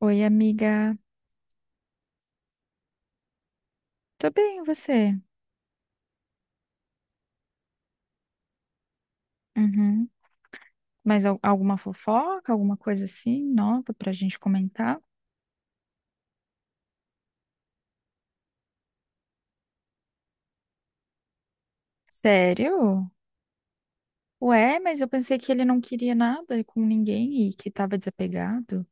Oi, amiga. Tô bem, e você? Uhum. Mas alguma fofoca, alguma coisa assim nova pra gente comentar? Sério? Ué, mas eu pensei que ele não queria nada com ninguém e que tava desapegado.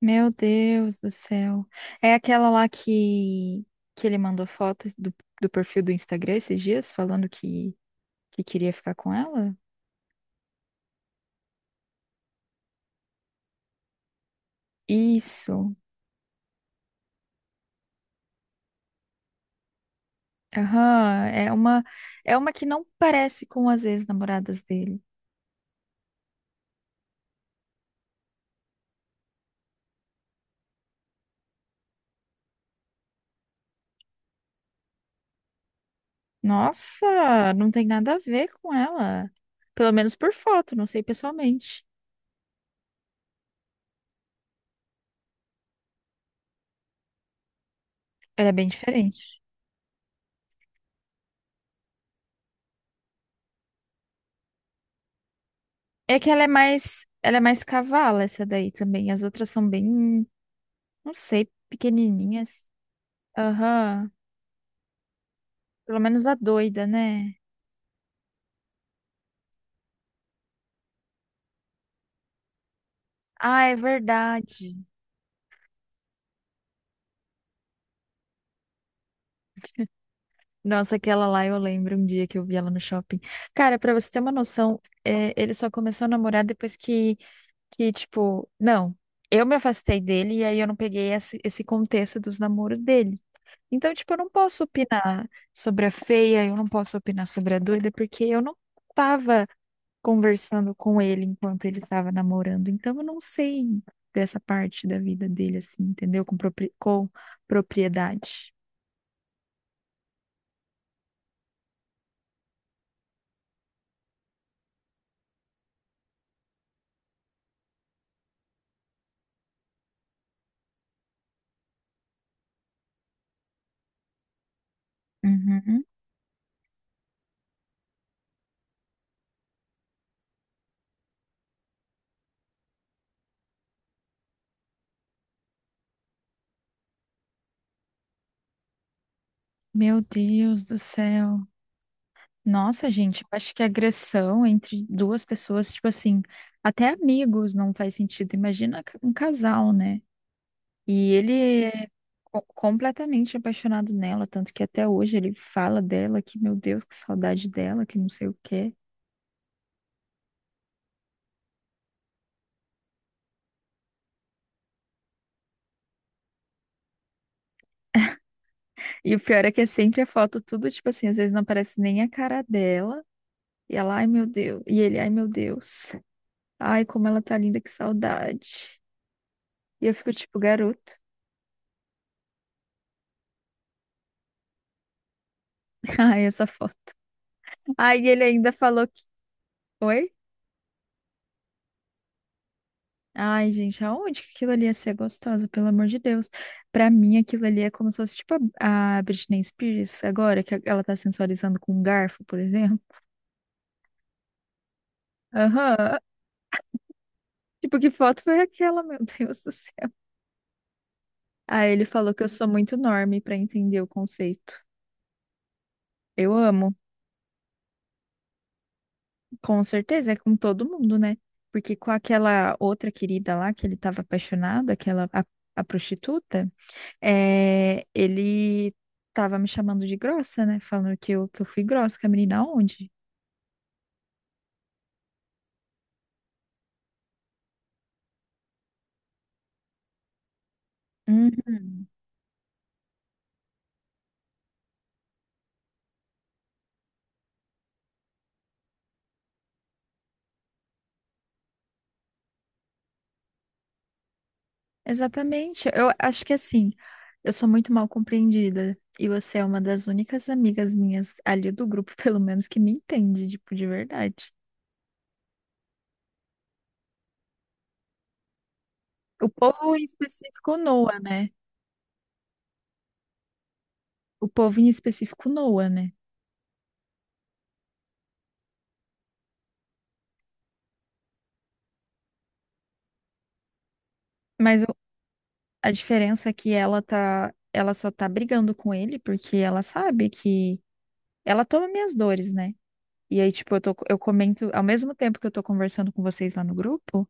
Meu Deus do céu. É aquela lá que ele mandou fotos do perfil do Instagram esses dias, falando que queria ficar com ela? Isso. Aham, é é uma que não parece com as ex-namoradas dele. Nossa, não tem nada a ver com ela. Pelo menos por foto, não sei pessoalmente. Ela é bem diferente. É que ela é ela é mais cavala essa daí também. As outras são bem, não sei, pequenininhas. Aham. Pelo menos a doida, né? Ah, é verdade. Nossa, aquela lá eu lembro um dia que eu vi ela no shopping. Cara, pra você ter uma noção, é, ele só começou a namorar depois que, tipo, não, eu me afastei dele e aí eu não peguei esse contexto dos namoros dele. Então, tipo, eu não posso opinar sobre a feia, eu não posso opinar sobre a doida, porque eu não estava conversando com ele enquanto ele estava namorando. Então, eu não sei dessa parte da vida dele, assim, entendeu? Com propriedade. Uhum. Meu Deus do céu. Nossa, gente, eu acho que agressão entre duas pessoas, tipo assim, até amigos não faz sentido. Imagina um casal, né? E ele é completamente apaixonado nela, tanto que até hoje ele fala dela que, meu Deus, que saudade dela, que não sei o quê. E o pior é que é sempre a foto, tudo, tipo assim, às vezes não aparece nem a cara dela. E ela, ai meu Deus. E ele, ai meu Deus. Ai, como ela tá linda, que saudade. E eu fico tipo, garoto. Ai, essa foto. Ai, ele ainda falou que. Oi? Ai, gente, aonde que aquilo ali ia ser gostosa, pelo amor de Deus. Pra mim, aquilo ali é como se fosse tipo a Britney Spears agora, que ela tá sensualizando com um garfo, por exemplo. Aham. Tipo, que foto foi aquela, meu Deus do céu? Aí ele falou que eu sou muito enorme pra entender o conceito. Eu amo, com certeza, é com todo mundo, né? Porque com aquela outra querida lá que ele tava apaixonado, aquela a prostituta. É, ele tava me chamando de grossa, né? Falando que que eu fui grossa, que a menina aonde? Uhum. Exatamente. Eu acho que assim, eu sou muito mal compreendida. E você é uma das únicas amigas minhas ali do grupo, pelo menos, que me entende, tipo, de verdade. O povo em específico Noa, né? O povo em específico Noa, né? Mas o- a diferença é que ela tá, ela só tá brigando com ele porque ela sabe que ela toma minhas dores, né? E aí, tipo, eu comento, ao mesmo tempo que eu tô conversando com vocês lá no grupo,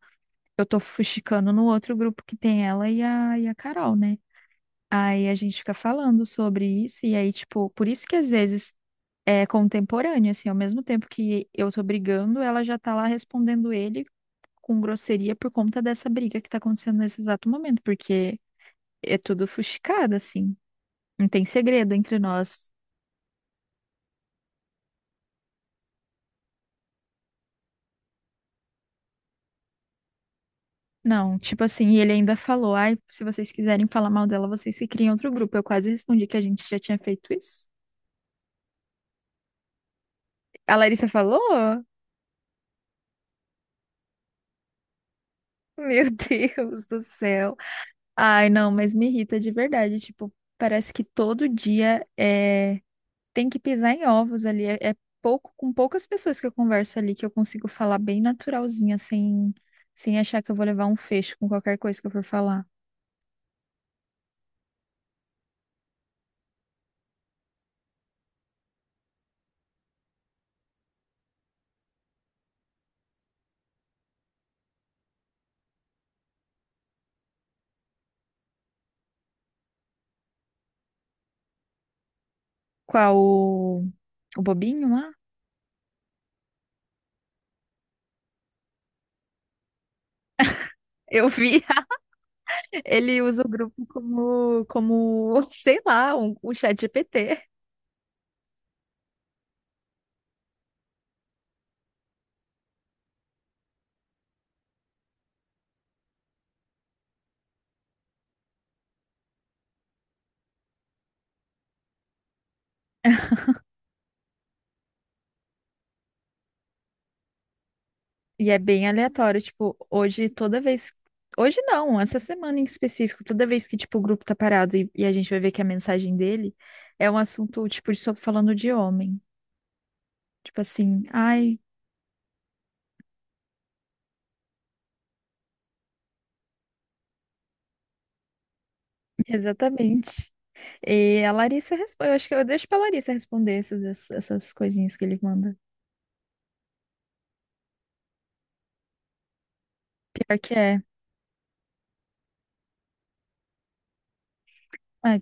eu tô fuxicando no outro grupo que tem ela e a Carol, né? Aí a gente fica falando sobre isso, e aí, tipo, por isso que às vezes é contemporâneo, assim, ao mesmo tempo que eu tô brigando, ela já tá lá respondendo ele com grosseria por conta dessa briga que tá acontecendo nesse exato momento, porque é tudo fuxicado, assim. Não tem segredo entre nós. Não, tipo assim, e ele ainda falou, ai, se vocês quiserem falar mal dela, vocês se criem outro grupo. Eu quase respondi que a gente já tinha feito isso. A Larissa falou? Meu Deus do céu. Ai, não, mas me irrita de verdade. Tipo, parece que todo dia é... tem que pisar em ovos ali. É pouco, com poucas pessoas que eu converso ali que eu consigo falar bem naturalzinha, sem, sem achar que eu vou levar um fecho com qualquer coisa que eu for falar. Qual o, o bobinho lá? Eu vi. Ele usa o grupo como sei lá, um chat GPT. E é bem aleatório, tipo, hoje toda vez. Hoje não, essa semana em específico, toda vez que, tipo, o grupo tá parado e a gente vai ver que a mensagem dele é um assunto, tipo, de só falando de homem. Tipo assim, ai, exatamente. E a Larissa responde, eu acho que eu deixo pra Larissa responder essas coisinhas que ele manda. Pior que é. Ai,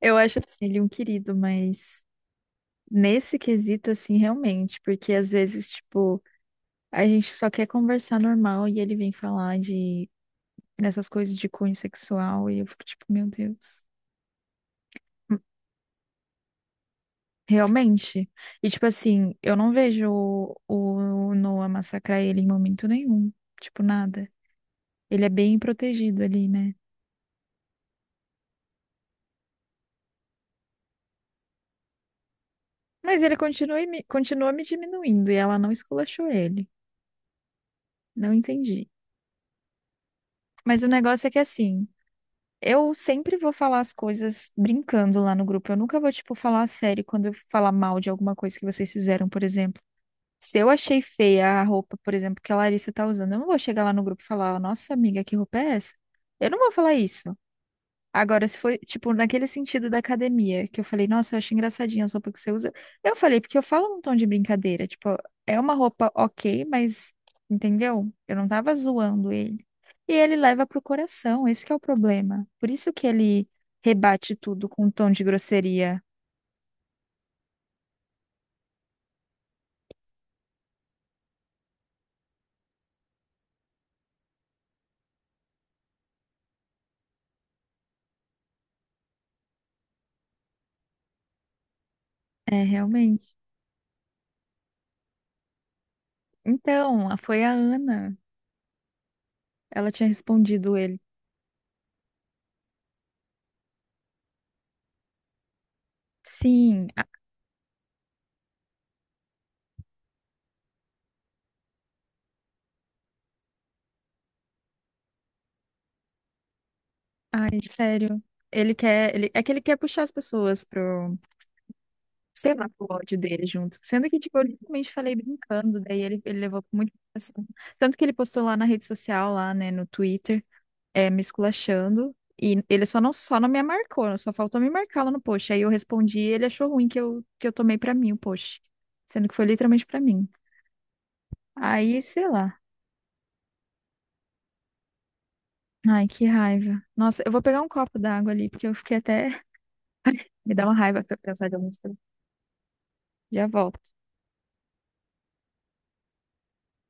eu acho assim, ele é um querido, mas. Nesse quesito, assim, realmente, porque às vezes, tipo, a gente só quer conversar normal e ele vem falar de dessas coisas de cunho sexual e eu fico tipo, meu Deus. Hum, realmente. E tipo assim, eu não vejo o Noah massacrar ele em momento nenhum, tipo, nada. Ele é bem protegido ali, né? Mas ele continua, continua me diminuindo e ela não esculachou ele. Não entendi. Mas o negócio é que assim. Eu sempre vou falar as coisas brincando lá no grupo. Eu nunca vou, tipo, falar a sério quando eu falar mal de alguma coisa que vocês fizeram, por exemplo. Se eu achei feia a roupa, por exemplo, que a Larissa tá usando, eu não vou chegar lá no grupo e falar, nossa, amiga, que roupa é essa? Eu não vou falar isso. Agora, se foi, tipo, naquele sentido da academia, que eu falei, nossa, eu acho engraçadinha a roupa que você usa. Eu falei, porque eu falo num tom de brincadeira, tipo, é uma roupa ok, mas, entendeu? Eu não tava zoando ele. E ele leva pro coração, esse que é o problema. Por isso que ele rebate tudo com um tom de grosseria. É, realmente. Então, foi a Ana. Ela tinha respondido ele. Sim, a- ai, sério. Ele quer, ele, é que ele quer puxar as pessoas pro sei lá, o ódio dele junto. Sendo que, tipo, eu literalmente falei brincando, daí ele levou muito assim. Tanto que ele postou lá na rede social, lá, né, no Twitter, é, me esculachando. E ele só não me marcou, né? Só faltou me marcar lá no post. Aí eu respondi e ele achou ruim que eu tomei pra mim o post. Sendo que foi literalmente pra mim. Aí, sei lá. Ai, que raiva. Nossa, eu vou pegar um copo d'água ali, porque eu fiquei até. Me dá uma raiva pra pensar de algumas coisas. Já volto.